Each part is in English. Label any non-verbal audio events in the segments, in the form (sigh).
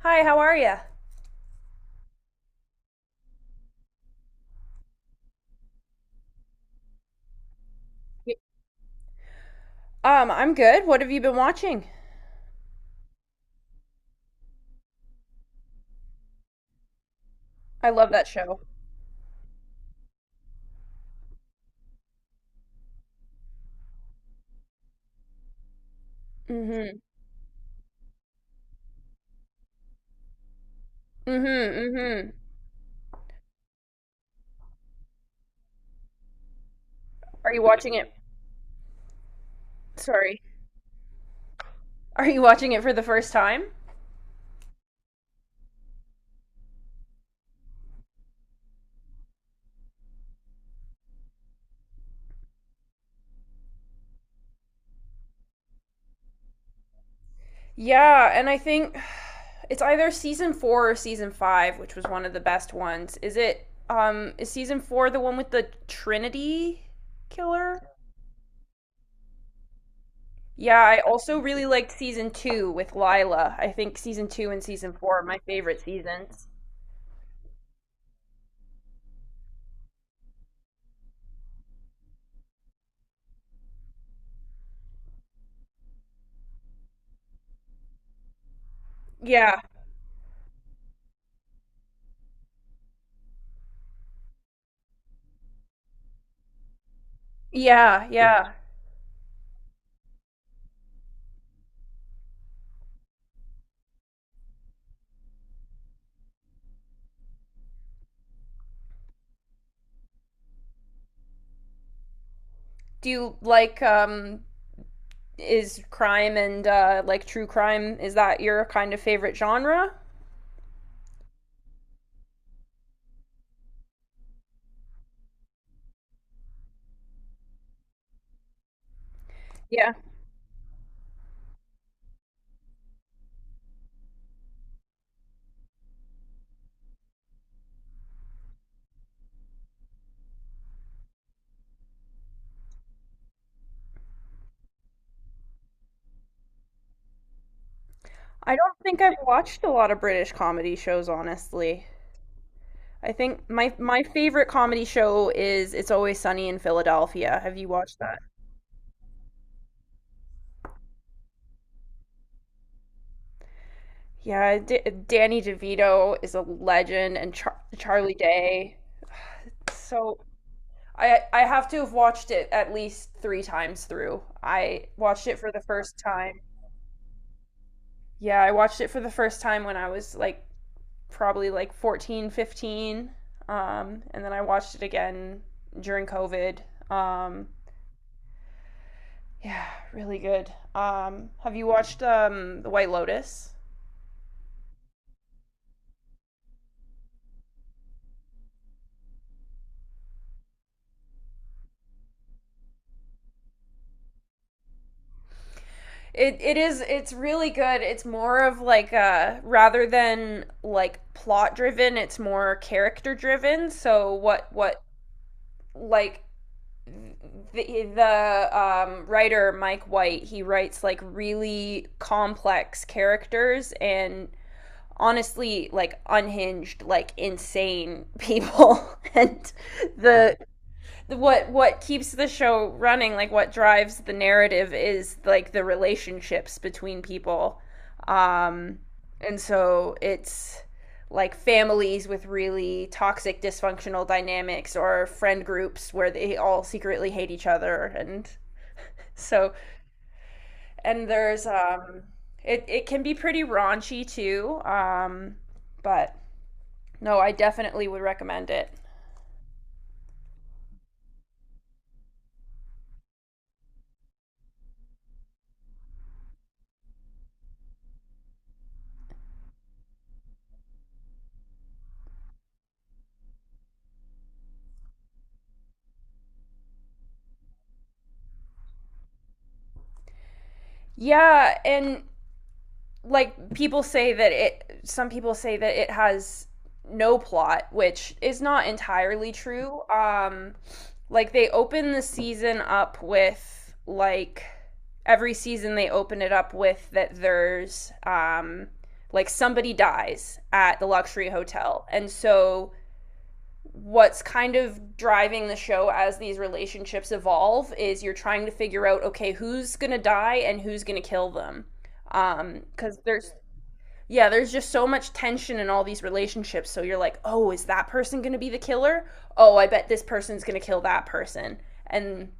Hi, how are you? I'm good. What have you been watching? I love that show. Mm-hmm. Mm-hmm. Mm-hmm. Are you watching it? Sorry. Are you watching it for the first time? Yeah, and I think (sighs) it's either season four or season five, which was one of the best ones. Is season four the one with the Trinity killer? Yeah, I also really liked season two with Lila. I think season two and season four are my favorite seasons. Yeah. Yeah, yeah. Do you like is crime and like true crime, is that your kind of favorite genre? Yeah. I don't think I've watched a lot of British comedy shows, honestly. I think my favorite comedy show is It's Always Sunny in Philadelphia. Have you watched that? Yeah, Danny DeVito is a legend and Charlie Day. So I have to have watched it at least 3 times through. I watched it for the first time. Yeah, I watched it for the first time when I was like probably like 14, 15. And then I watched it again during COVID. Um, yeah, really good. Have you watched The White Lotus? It's really good. It's more of, like, rather than like plot driven, it's more character driven. Like the writer Mike White, he writes like really complex characters and, honestly, like unhinged, like insane people. (laughs) and the what keeps the show running, like what drives the narrative, is like the relationships between people. Um and so it's like families with really toxic dysfunctional dynamics or friend groups where they all secretly hate each other. And so and there's um it can be pretty raunchy too, but no, I definitely would recommend it. Yeah, and like people say that it some people say that it has no plot, which is not entirely true. Um like they open the season up with like every season they open it up with that there's, like, somebody dies at the luxury hotel. And so What's kind of driving the show as these relationships evolve is you're trying to figure out, okay, who's going to die and who's going to kill them. Cuz there's just so much tension in all these relationships. So you're like, oh, is that person going to be the killer? Oh, I bet this person's going to kill that person. And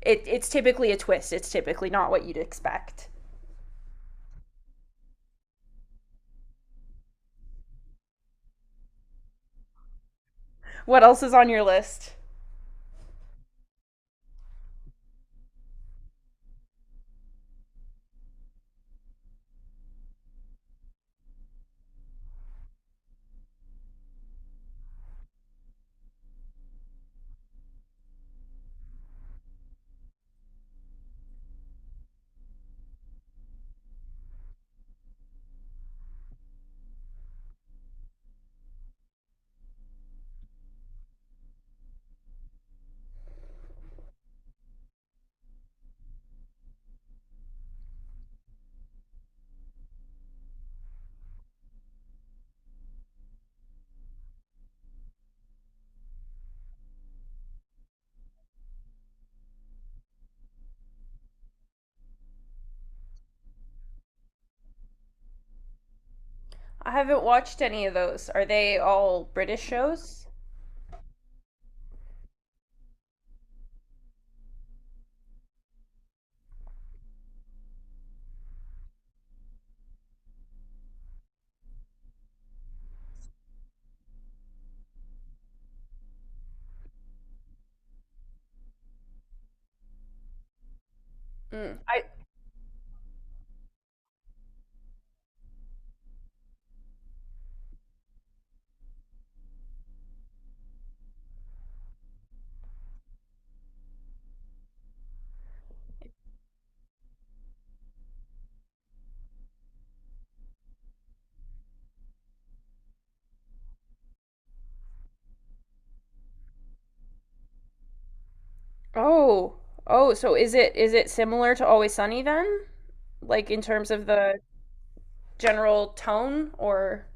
it's typically a twist. It's typically not what you'd expect. What else is on your list? I haven't watched any of those. Are they all British shows? Mm. I Oh, oh. So is it similar to Always Sunny then? Like, in terms of the general tone, or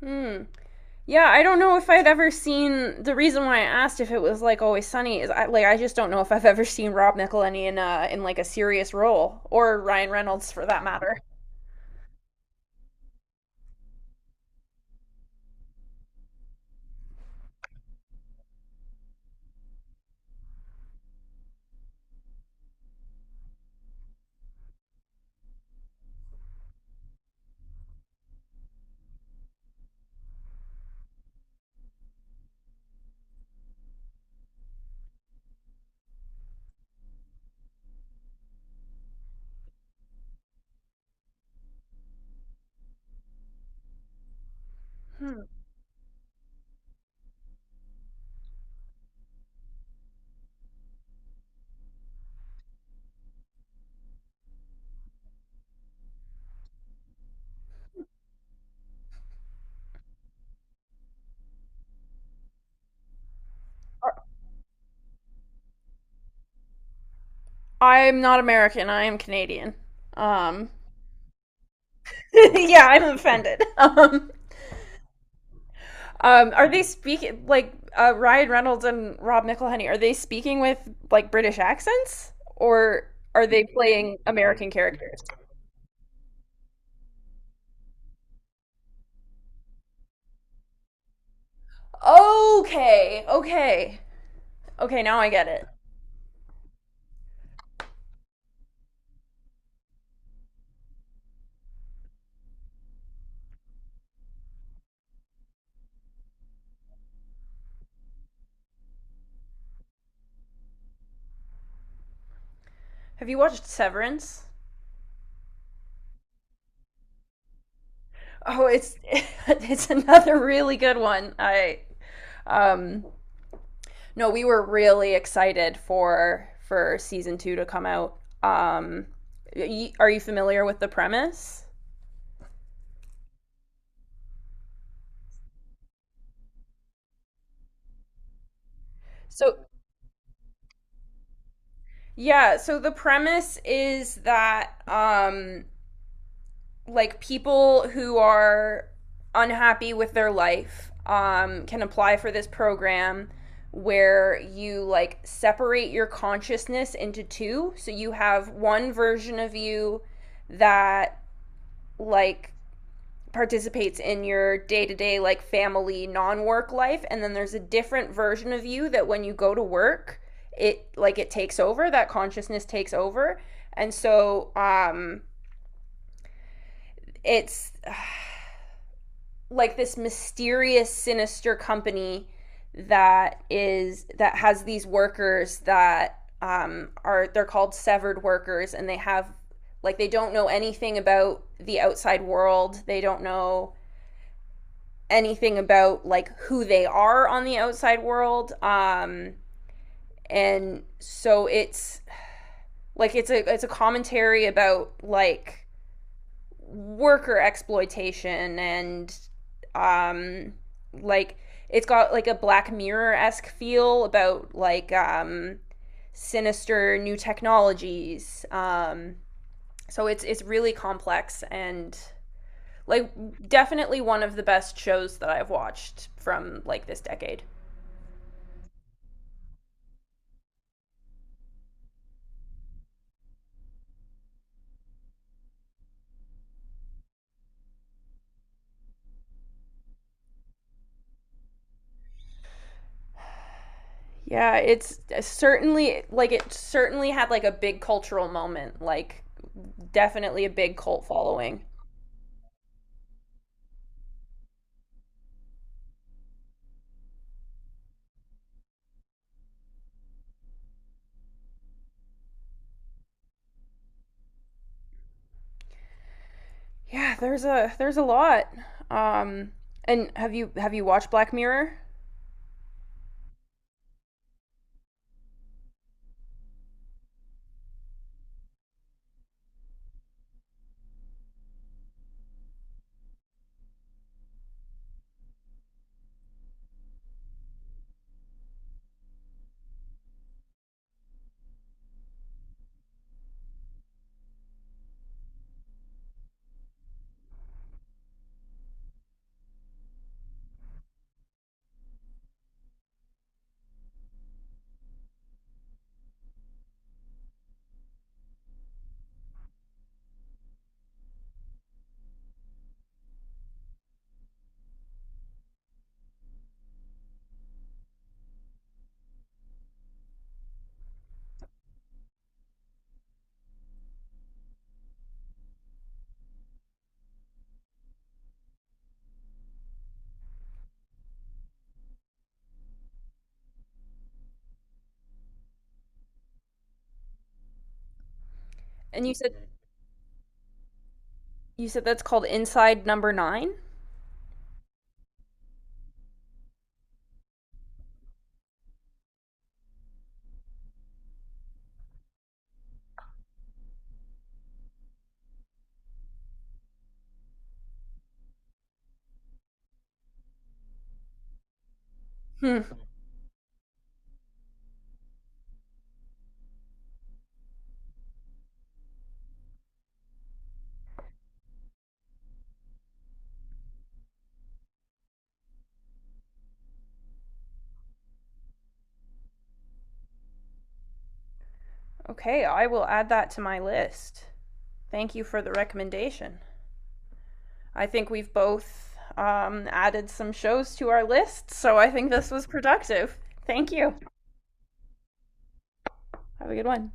hmm. Yeah, I don't know if I'd ever seen. The reason why I asked if it was like Always Sunny is I, like, I just don't know if I've ever seen Rob McElhenney in like a serious role, or Ryan Reynolds for that matter. Hmm. I'm not American. I am Canadian. Um, (laughs) yeah, I'm offended. (laughs) Are they speaking like Ryan Reynolds and Rob McElhenney? Are they speaking with like British accents, or are they playing American characters? Okay, okay, okay. Now I get it. Have you watched Severance? Oh, it's (laughs) it's another really good one. I um no, we were really excited for season 2 to come out. Um are you familiar with the premise? So Yeah, so the premise is that like people who are unhappy with their life, can apply for this program where you like separate your consciousness into two. So you have one version of you that like participates in your day-to-day, like family, non-work life, and then there's a different version of you that when you go to work, it takes over, that consciousness takes over. And so it's like this mysterious sinister company that has these workers that are they're called severed workers, and they have, like, they don't know anything about the outside world, they don't know anything about like who they are on the outside world. And so it's like it's a commentary about, like, worker exploitation. And um like it's got like a black mirror-esque feel about, like, sinister new technologies. So it's really complex, and, like, definitely one of the best shows that I've watched from like this decade. Yeah, it certainly had like a big cultural moment, like, definitely a big cult following. Yeah, there's a lot. Um, and have you watched Black Mirror? And you said that's called Inside Number Nine. Hmm. Okay, I will add that to my list. Thank you for the recommendation. I think we've both added some shows to our list, so I think this was productive. Thank you. Have a good one.